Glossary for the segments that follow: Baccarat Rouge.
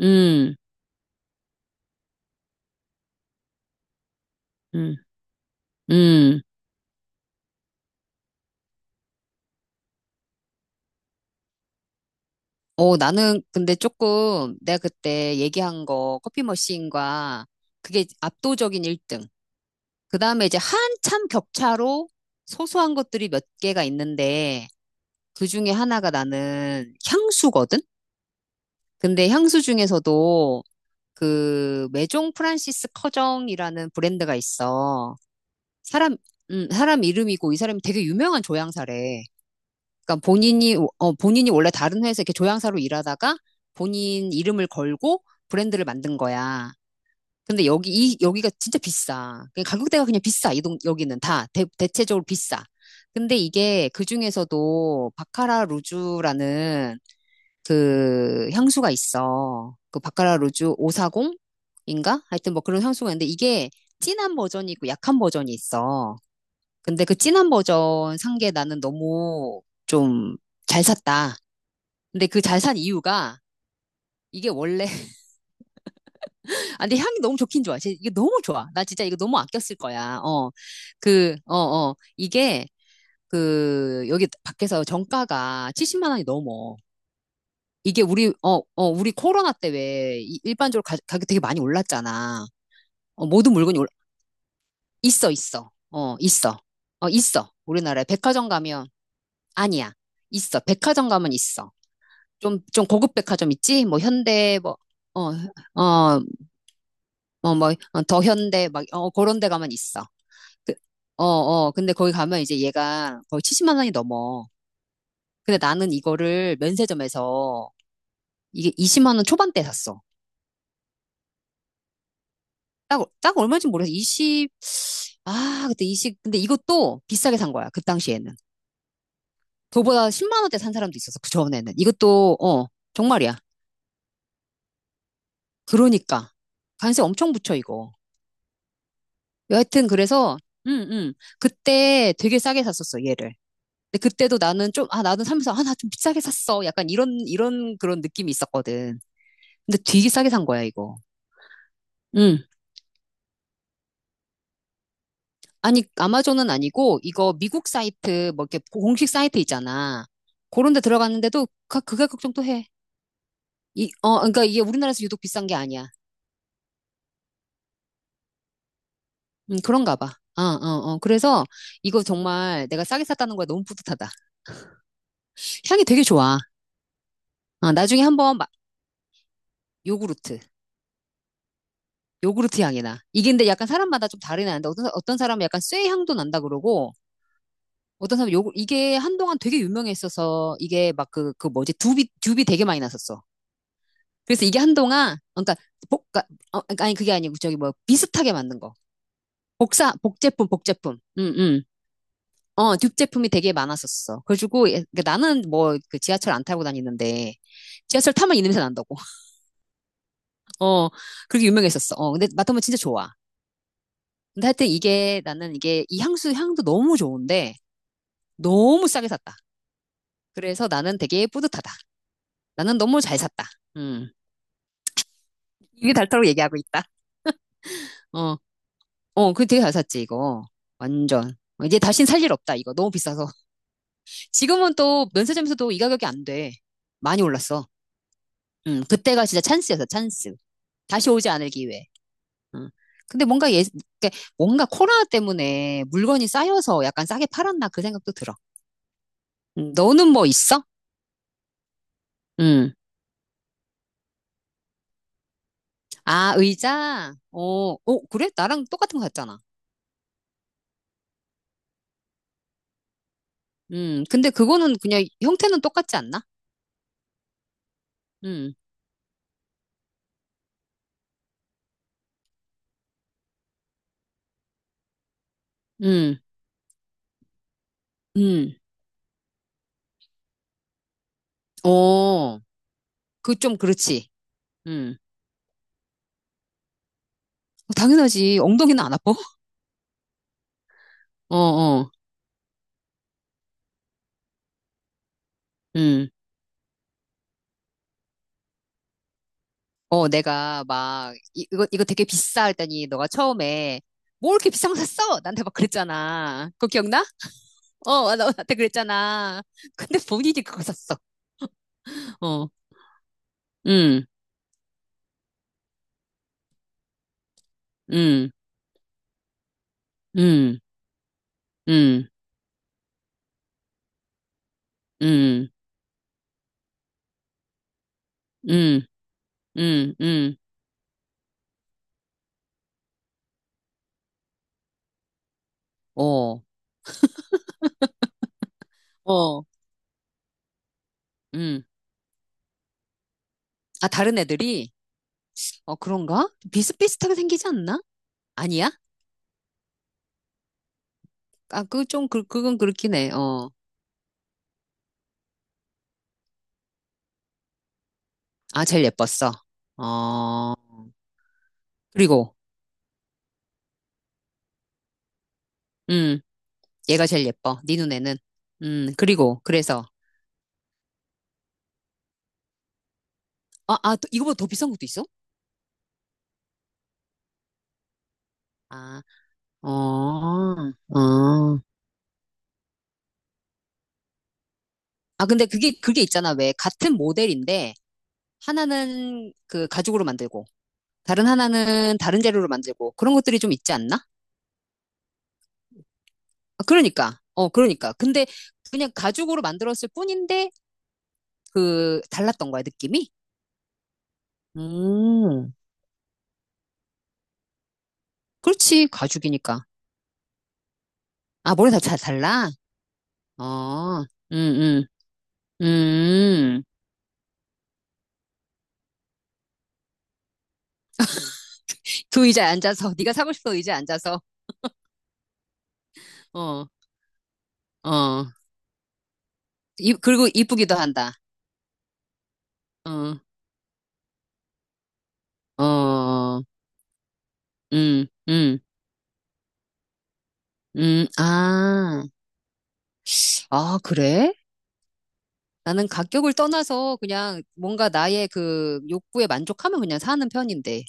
음, 음, 음. 어, 나는 근데 조금 내가 그때 얘기한 거 커피 머신과 그게 압도적인 1등. 그 다음에 이제 한참 격차로 소소한 것들이 몇 개가 있는데 그 중에 하나가 나는 향수거든? 근데 향수 중에서도 그 메종 프란시스 커정이라는 브랜드가 있어. 사람, 사람 이름이고 이 사람이 되게 유명한 조향사래. 그러니까 본인이 원래 다른 회사에 이렇게 조향사로 일하다가 본인 이름을 걸고 브랜드를 만든 거야. 근데 여기 이 여기가 진짜 비싸. 그냥 가격대가 그냥 비싸. 이동 여기는 다 대체적으로 비싸. 근데 이게 그 중에서도 바카라 루주라는 그 향수가 있어. 그 바카라 루주 540인가? 하여튼 뭐 그런 향수가 있는데 이게 진한 버전이 있고 약한 버전이 있어. 근데 그 진한 버전 산 게 나는 너무 좀 잘 샀다. 근데 그 잘 산 이유가 이게 원래 아 근데 향이 너무 좋긴 좋아. 진짜 이게 너무 좋아. 나 진짜 이거 너무 아꼈을 거야. 어. 그, 어, 어. 이게 그 여기 밖에서 정가가 70만 원이 넘어. 이게 우리 어, 어, 우리 코로나 때 왜 일반적으로 가격 되게 많이 올랐잖아. 어, 모든 물건이 올 있어, 있어. 어, 있어. 어, 있어. 우리나라에 백화점 가면 아니야. 있어. 백화점 가면 있어. 좀 고급 백화점 있지? 뭐, 현대, 뭐, 어, 어, 뭐, 뭐, 어, 더 현대, 막, 어, 그런 데 가면 있어. 그, 어, 어, 근데 거기 가면 이제 얘가 거의 70만 원이 넘어. 근데 나는 이거를 면세점에서 이게 20만 원 초반대 샀어. 딱 얼마인지 모르겠어. 20, 아, 그때 20, 근데 이것도 비싸게 산 거야. 그 당시에는. 그거보다 10만 원대 산 사람도 있었어. 그 전에는. 이것도, 어, 정말이야. 그러니까. 관세 엄청 붙여, 이거. 여하튼 그래서 음, 음. 그때 되게 싸게 샀었어, 얘를. 근데 그때도 나는 좀, 아, 나는 사면서, 아, 나 좀 비싸게 샀어. 약간 이런 그런 느낌이 있었거든. 근데 되게 싸게 산 거야, 이거. 음. 아니, 아마존은 아니고, 이거 미국 사이트, 뭐 이렇게 공식 사이트 있잖아. 그런 데 들어갔는데도 가, 그 가격 정도 해. 이, 어, 그러니까 이게 우리나라에서 유독 비싼 게 아니야. 그런가 봐. 어, 어, 어. 그래서 이거 정말 내가 싸게 샀다는 거야. 너무 뿌듯하다. 향이 되게 좋아. 어, 나중에 한번 요구르트. 요구르트 향이 나. 이게 근데 약간 사람마다 좀 다르긴 한데 어떤 사람은 약간 쇠 향도 난다 그러고 어떤 사람은 요구 이게 한동안 되게 유명했어서 이게 막 그 뭐지 듀비 듀비 되게 많이 났었어. 그래서 이게 한동안 어, 그러니까 복그 어, 그러니까 아니 그게 아니고 저기 뭐 비슷하게 만든 거 복사 복제품 복제품 음음 어 듀제품이 되게 많았었어. 그래가지고 예, 그러니까 나는 뭐 그 지하철 안 타고 다니는데 지하철 타면 이 냄새 난다고. 어 그렇게 유명했었어. 어 근데 맡으면 진짜 좋아. 근데 하여튼 이게 나는 이게 이 향수 향도 너무 좋은데 너무 싸게 샀다. 그래서 나는 되게 뿌듯하다. 나는 너무 잘 샀다. 음. 이게 닳다고 얘기하고 있다. 어, 어, 그 되게 잘 샀지, 이거. 완전. 이제 다신 살 일 없다, 이거. 너무 비싸서. 지금은 또 면세점에서도 이 가격이 안 돼. 많이 올랐어. 그때가 진짜 찬스였어, 찬스. 다시 오지 않을 기회. 음. 근데 뭔가 예, 그러니까 뭔가 코로나 때문에 물건이 쌓여서 약간 싸게 팔았나 그 생각도 들어. 너는 뭐 있어? 음. 아, 의자? 어, 어, 그래? 나랑 똑같은 거 샀잖아. 근데 그거는 그냥 형태는 똑같지 않나? 음, 음, 음. 어, 그 좀 그렇지. 음. 어, 당연하지. 엉덩이는 안 아파? 어, 어, 음. 어, 내가 막, 이거 되게 비싸 했더니 너가 처음에 뭐 이렇게 비싼 거 샀어? 나한테 막 그랬잖아. 그거 기억나? 어, 어, 나한테 그랬잖아. 근데 본인이 그거 샀어. 어, 음, 음, 음, 음, 음, 음. 음, 음, 어, 어, 음. 아, 다른 애들이? 어, 그런가? 비슷비슷하게 생기지 않나? 아니야? 아, 그, 좀, 그건 그렇긴 해, 어. 아, 제일 예뻤어. 어, 그리고, 음, 얘가 제일 예뻐. 네 눈에는. 그리고, 그래서. 아, 아, 또 이거보다 더 비싼 것도 있어? 아, 어, 어. 아, 근데 그게, 그게 있잖아. 왜, 같은 모델인데, 하나는 그 가죽으로 만들고, 다른 하나는 다른 재료로 만들고, 그런 것들이 좀 있지 않나? 아, 그러니까. 어, 그러니까. 근데 그냥 가죽으로 만들었을 뿐인데 그 달랐던 거야, 느낌이? 음. 그렇지, 가죽이니까. 아, 머리 다잘 달라? 어. 음, 음. 음. 그 의자에 앉아서 네가 사고 싶던 의자에 앉아서 어. 어. 이, 그리고 이쁘기도 한다. 어. 어. 음. 음. 음. 아. 아, 그래? 나는 가격을 떠나서 그냥 뭔가 나의 그 욕구에 만족하면 그냥 사는 편인데.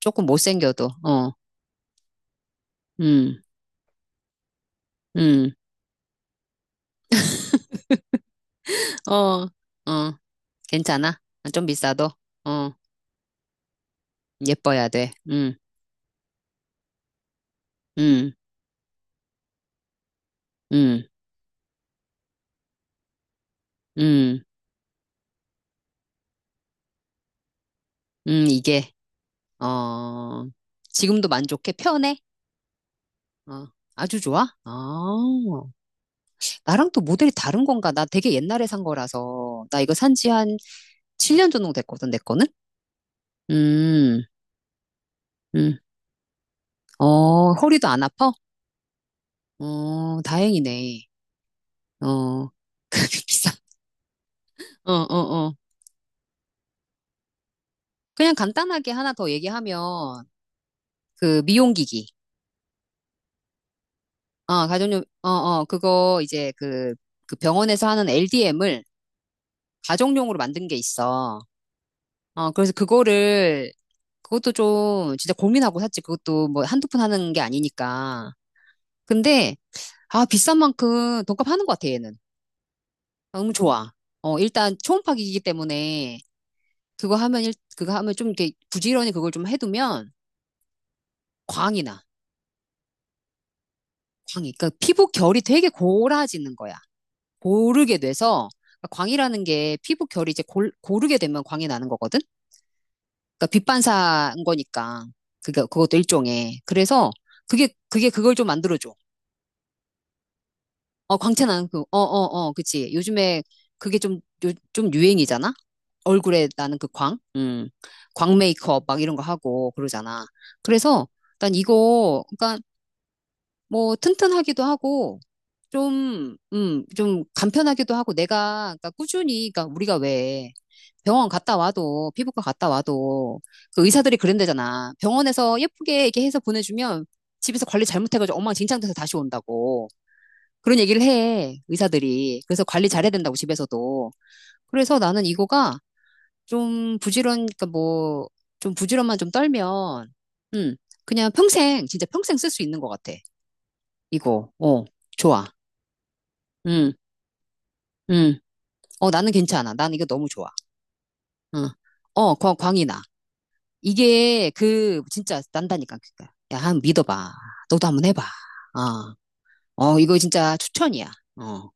조금 못생겨도, 어, 음, 음, 어, 어, 괜찮아. 아, 좀 비싸도, 어, 예뻐야 돼. 음, 음, 음, 이게, 어, 지금도 만족해? 편해? 어, 아주 좋아? 아, 나랑 또 모델이 다른 건가? 나 되게 옛날에 산 거라서. 나 이거 산 지 한 7년 정도 됐거든, 내 거는? 음, 음. 어, 허리도 안 아파? 어, 다행이네. 어, 그게 비싸. 어, 어, 어. 그냥 간단하게 하나 더 얘기하면, 그 미용기기. 어, 가정용, 어, 어, 그거 이제 그 병원에서 하는 LDM을 가정용으로 만든 게 있어. 어, 그래서 그거를, 그것도 좀 진짜 고민하고 샀지. 그것도 뭐 한두 푼 하는 게 아니니까. 근데, 아, 비싼 만큼 돈값 하는 것 같아, 얘는. 너무 좋아. 어, 일단 초음파 기기이기 때문에 그거 하면 일, 그거 하면 좀 이렇게 부지런히 그걸 좀 해두면 광이 나. 광이. 그러니까 피부 결이 되게 고라지는 거야. 고르게 돼서 그러니까 광이라는 게 피부 결이 이제 고르게 되면 광이 나는 거거든. 그러니까 빛반사인 거니까 그게 그것도 일종의. 그래서 그게 그걸 좀 만들어줘. 어 광채 나는 그 어 어 어 그치. 요즘에 그게 좀 좀 유행이잖아. 얼굴에 나는 그 광, 광 메이크업 막 이런 거 하고 그러잖아. 그래서 난 이거, 그러니까 뭐 튼튼하기도 하고 좀, 좀 간편하기도 하고 내가 그러니까 꾸준히 그러니까 우리가 왜 병원 갔다 와도 피부과 갔다 와도 그 의사들이 그런대잖아. 병원에서 예쁘게 이렇게 해서 보내주면 집에서 관리 잘못해가지고 엉망진창돼서 다시 온다고 그런 얘기를 해 의사들이. 그래서 관리 잘해야 된다고 집에서도. 그래서 나는 이거가 좀 부지런 그러니까 뭐 좀 부지런만 좀 떨면 음 그냥 평생 진짜 평생 쓸 수 있는 것 같아. 이거 어 좋아. 음, 음. 어, 나는 괜찮아. 난 이거 너무 좋아. 어, 어, 광이 나. 이게 그 진짜 난다니까. 그니까. 야, 한번 믿어봐. 너도 한번 해봐. 어, 어, 이거 진짜 추천이야. 어.